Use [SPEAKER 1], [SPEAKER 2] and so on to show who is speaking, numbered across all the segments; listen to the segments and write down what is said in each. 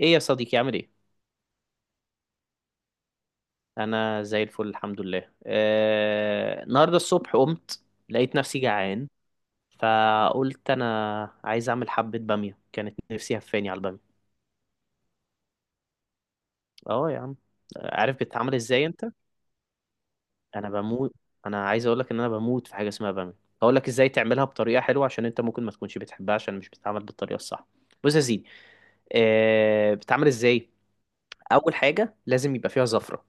[SPEAKER 1] ايه يا صديقي، عامل ايه؟ انا زي الفل الحمد لله. النهارده الصبح قمت، لقيت نفسي جعان، فقلت انا عايز اعمل حبة بامية. كانت نفسي هفاني على البامية. اه يا عم. عارف بتتعمل ازاي انت؟ انا بموت. انا عايز اقولك ان انا بموت في حاجة اسمها بامية. هقول لك ازاي تعملها بطريقة حلوة، عشان انت ممكن ما تكونش بتحبها عشان مش بتتعمل بالطريقة الصح. بص يا سيدي، بتتعمل ازاي. اول حاجة لازم يبقى فيها زفرة.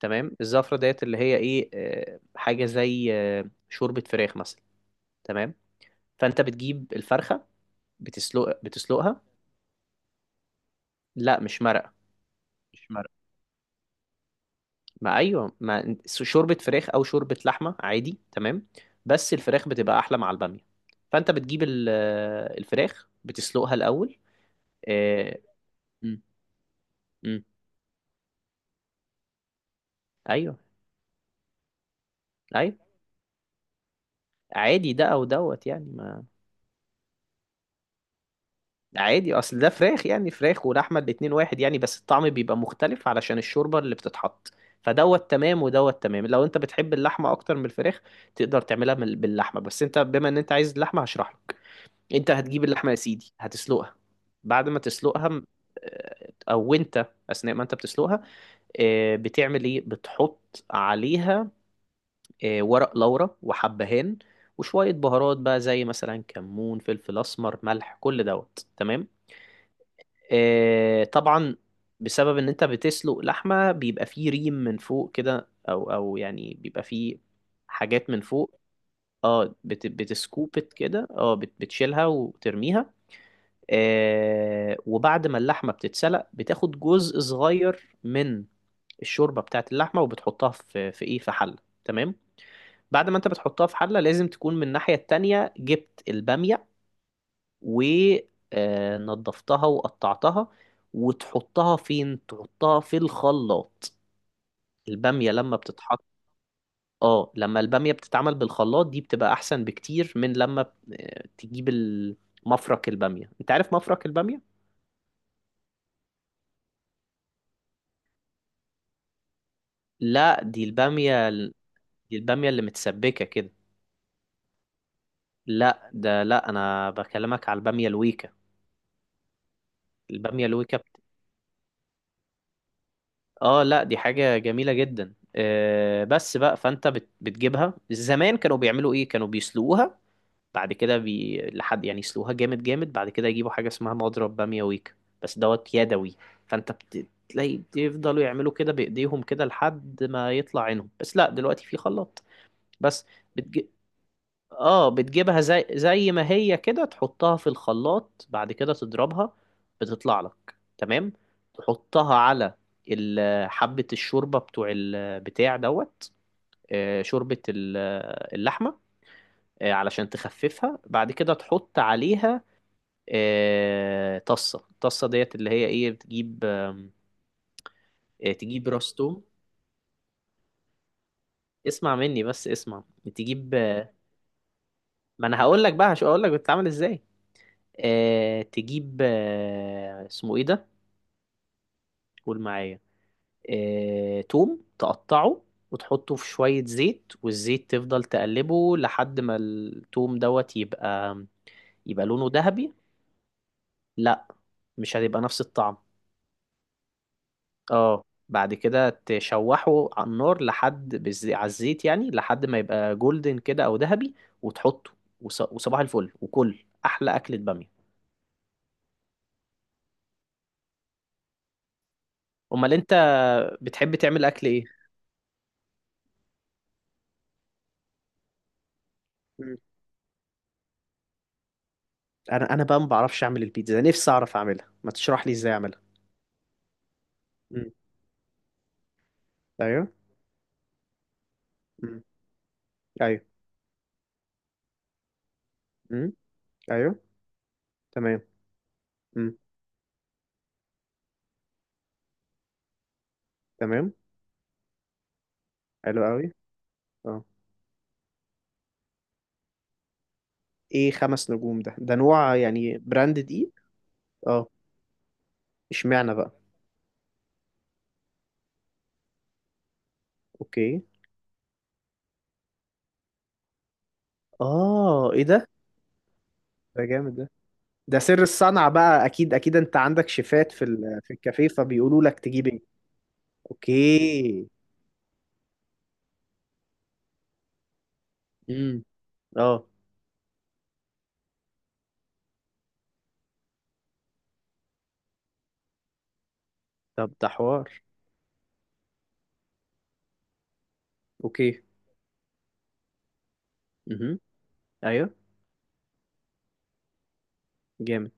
[SPEAKER 1] تمام، الزفرة ديت اللي هي ايه، حاجة زي شوربة فراخ مثلا. تمام. فانت بتجيب الفرخة، بتسلقها. لا، مش مرقة. مش مرق. ما ايوه، ما شوربة فراخ او شوربة لحمة عادي، تمام. بس الفراخ بتبقى احلى مع البامية. فانت بتجيب الفراخ بتسلقها الاول. آه، مم. مم. ايوه. ايوه. عادي، ده او دوت يعني. عادي، اصل ده فراخ. يعني فراخ ولحمه الاتنين واحد يعني، بس الطعم بيبقى مختلف علشان الشوربه اللي بتتحط. فدوت تمام، ودوت تمام لو انت بتحب اللحمه اكتر من الفراخ. تقدر تعملها باللحمه، بس انت بما ان انت عايز اللحمه هشرح لك. انت هتجيب اللحمه يا سيدي، هتسلقها. بعد ما تسلقها او انت اثناء ما انت بتسلقها، بتعمل ايه؟ بتحط عليها ورق لورا وحبهان، وشويه بهارات بقى زي مثلا كمون، فلفل اسمر، ملح، كل دوت تمام. طبعا بسبب ان انت بتسلق لحمة بيبقى فيه ريم من فوق كده، او يعني بيبقى فيه حاجات من فوق. اه، بتسكوبت كده، اه بتشيلها وترميها. وبعد ما اللحمة بتتسلق بتاخد جزء صغير من الشوربة بتاعت اللحمة وبتحطها في ايه، في حلة. تمام. بعد ما انت بتحطها في حلة لازم تكون من الناحية التانية جبت البامية ونضفتها وقطعتها. وتحطها فين؟ تحطها في الخلاط. البامية لما بتتحط. اه، لما البامية بتتعمل بالخلاط دي بتبقى احسن بكتير من لما تجيب مفرك البامية. انت عارف مفرك البامية؟ لا، دي البامية اللي متسبكة كده. لا ده، لا انا بكلمك على البامية الويكة. البامية الويكة اه لا، دي حاجة جميلة جدا. بس بقى فانت بتجيبها. زمان كانوا بيعملوا ايه؟ كانوا بيسلقوها، بعد كده لحد يعني يسلقوها جامد جامد، بعد كده يجيبوا حاجة اسمها مضرب بامية ويك، بس دوت يدوي. فانت تلاقي بيفضلوا يعملوا كده بايديهم كده لحد ما يطلع عينهم. بس لا، دلوقتي في خلاط بس. بتج... اه، بتجيبها زي ما هي كده، تحطها في الخلاط بعد كده تضربها. بتطلع لك تمام. تحطها على حبة الشوربة بتوع البتاع دوت، شوربة اللحمة، علشان تخففها. بعد كده تحط عليها طصة. الطصة ديت اللي هي ايه، بتجيب تجيب راس توم. اسمع مني بس، اسمع. تجيب ما انا هقول لك بقى، هقول لك بتتعمل ازاي. تجيب اسمه ايه ده، قول معايا، توم تقطعه وتحطه في شوية زيت. والزيت تفضل تقلبه لحد ما التوم دوت يبقى، لونه ذهبي. لا، مش هتبقى نفس الطعم. اه، بعد كده تشوحه على النار لحد على الزيت يعني، لحد ما يبقى جولدن كده او ذهبي، وتحطه، وصباح الفل، وكل احلى اكلة بامية. امال انت بتحب تعمل اكل ايه؟ مم. انا بقى ما بعرفش اعمل البيتزا، نفسي اعرف اعملها، ما تشرح لي ازاي اعملها. مم. ايوه. مم. ايوه. مم. ايوه. تمام. مم. تمام. حلو قوي. اه. ايه خمس نجوم ده؟ ده نوع يعني، براند دقيق؟ اه. اشمعنى بقى؟ اوكي. اه، ايه ده؟ ده جامد ده. ده سر الصنعة بقى. اكيد اكيد انت عندك شيفات في الكافيه فبيقولوا لك تجيب ايه. اوكي. امم. اه. طب ده حوار. اوكي. امم. ايوه. جامد.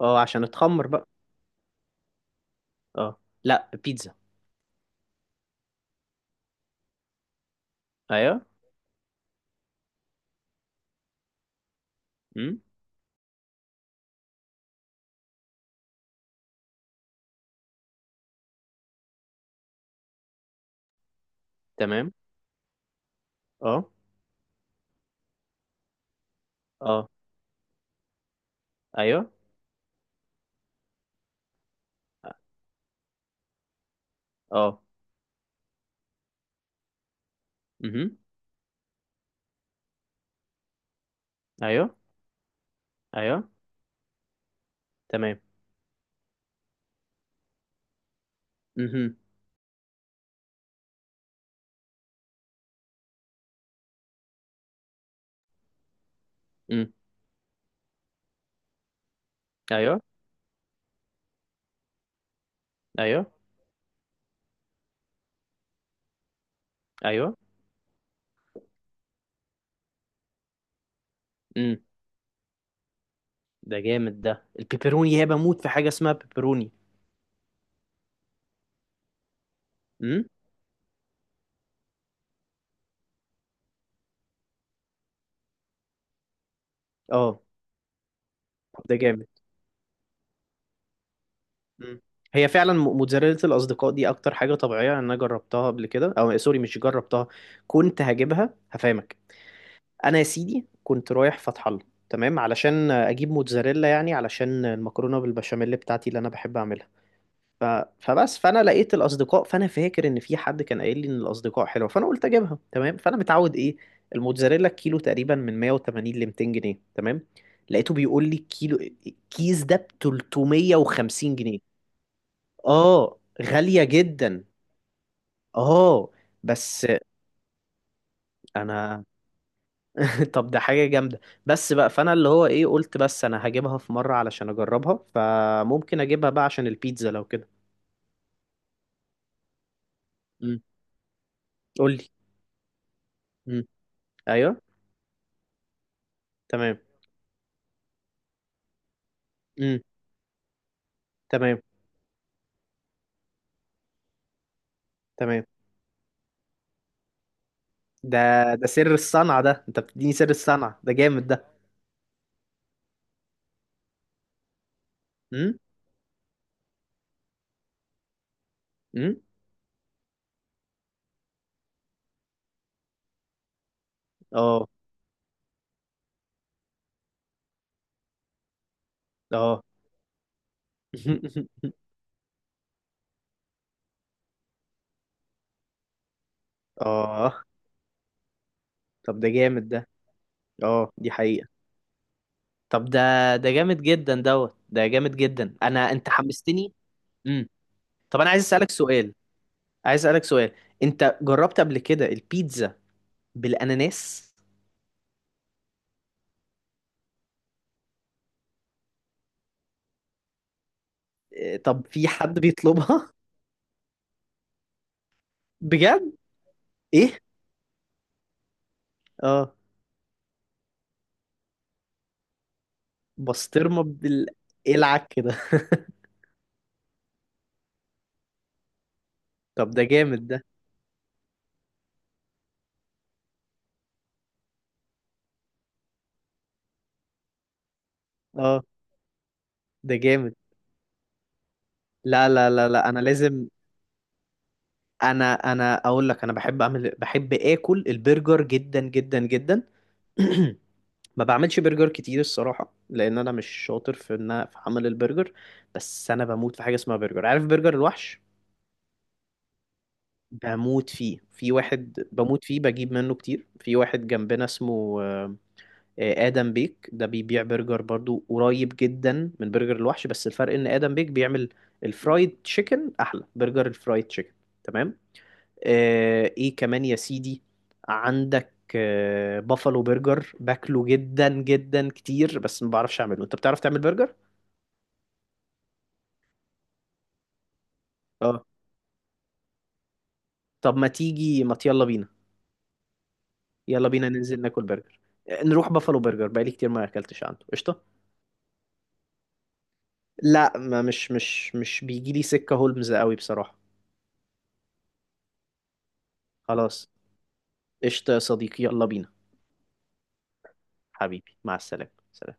[SPEAKER 1] اه، عشان اتخمر بقى. اه لا، بيتزا. ايوه. امم. تمام. اه. اه. ايوه. اه. امم. ايوه. ايوه. تمام. امم. امم. ايوه. ايوه. ايوه. امم. ده جامد ده البيبروني. هي بموت في حاجة اسمها بيبروني. امم. اه. ده جامد. مم. هي فعلا موتزاريلا الاصدقاء دي اكتر حاجه طبيعيه، لأن انا جربتها قبل كده. او سوري، مش جربتها، كنت هجيبها هفهمك. انا يا سيدي كنت رايح فتح الله، تمام، علشان اجيب موتزاريلا، يعني علشان المكرونه بالبشاميل بتاعتي اللي انا بحب اعملها. ف... فبس فانا لقيت الاصدقاء، فانا فاكر ان في حد كان قايل لي ان الاصدقاء حلوه، فانا قلت اجيبها. تمام، فانا متعود ايه، الموتزاريلا الكيلو تقريبا من 180 ل 200 جنيه. تمام، لقيته بيقول لي كيلو كيس ده ب 350 جنيه. اه، غالية جدا. اه. بس. انا طب، ده حاجة جامدة. بس بقى فانا اللي هو ايه قلت بس انا هجيبها في مرة علشان اجربها. فممكن اجيبها بقى عشان البيتزا لو كده. امم. قول لي. امم. ايوه. تمام. امم. تمام. تمام. ده ده سر الصنعة ده، انت بتديني سر الصنعة، ده جامد ده. امم. امم. اه. اه. اه. طب ده جامد ده. اه، دي حقيقة. طب ده، ده جامد جدا دوت، ده جامد جدا. انت حمستني. امم. طب، انا عايز اسالك سؤال. عايز اسالك سؤال، انت جربت قبل كده البيتزا بالاناناس؟ إيه، طب في حد بيطلبها؟ بجد؟ ايه. اه. بسطرمه إيه العك كده. طب ده جامد ده. اه، ده جامد. لا لا لا لا، انا لازم. انا اقول لك، انا بحب اعمل، بحب اكل البرجر جدا جدا جدا. ما بعملش برجر كتير الصراحه، لان انا مش شاطر في ان في عمل البرجر، بس انا بموت في حاجه اسمها برجر. عارف برجر الوحش؟ بموت فيه. في واحد بموت فيه، بجيب منه كتير. في واحد جنبنا اسمه آدم بيك. ده بيبيع برجر برضو قريب جدا من برجر الوحش. بس الفرق ان آدم بيك بيعمل الفرايد تشيكن، احلى برجر الفرايد تشيكن، تمام. ايه كمان يا سيدي؟ عندك بافالو برجر، باكله جدا جدا كتير، بس ما بعرفش اعمله. انت بتعرف تعمل برجر؟ اه. طب ما تيجي، ما يلا بينا، يلا بينا ننزل ناكل برجر. نروح بافالو برجر، بقالي كتير ما اكلتش عنده. قشطة. لا، ما مش بيجي لي سكة هولمز قوي بصراحة. خلاص، قشطة يا صديقي، يلا بينا. حبيبي، مع السلامة، سلام.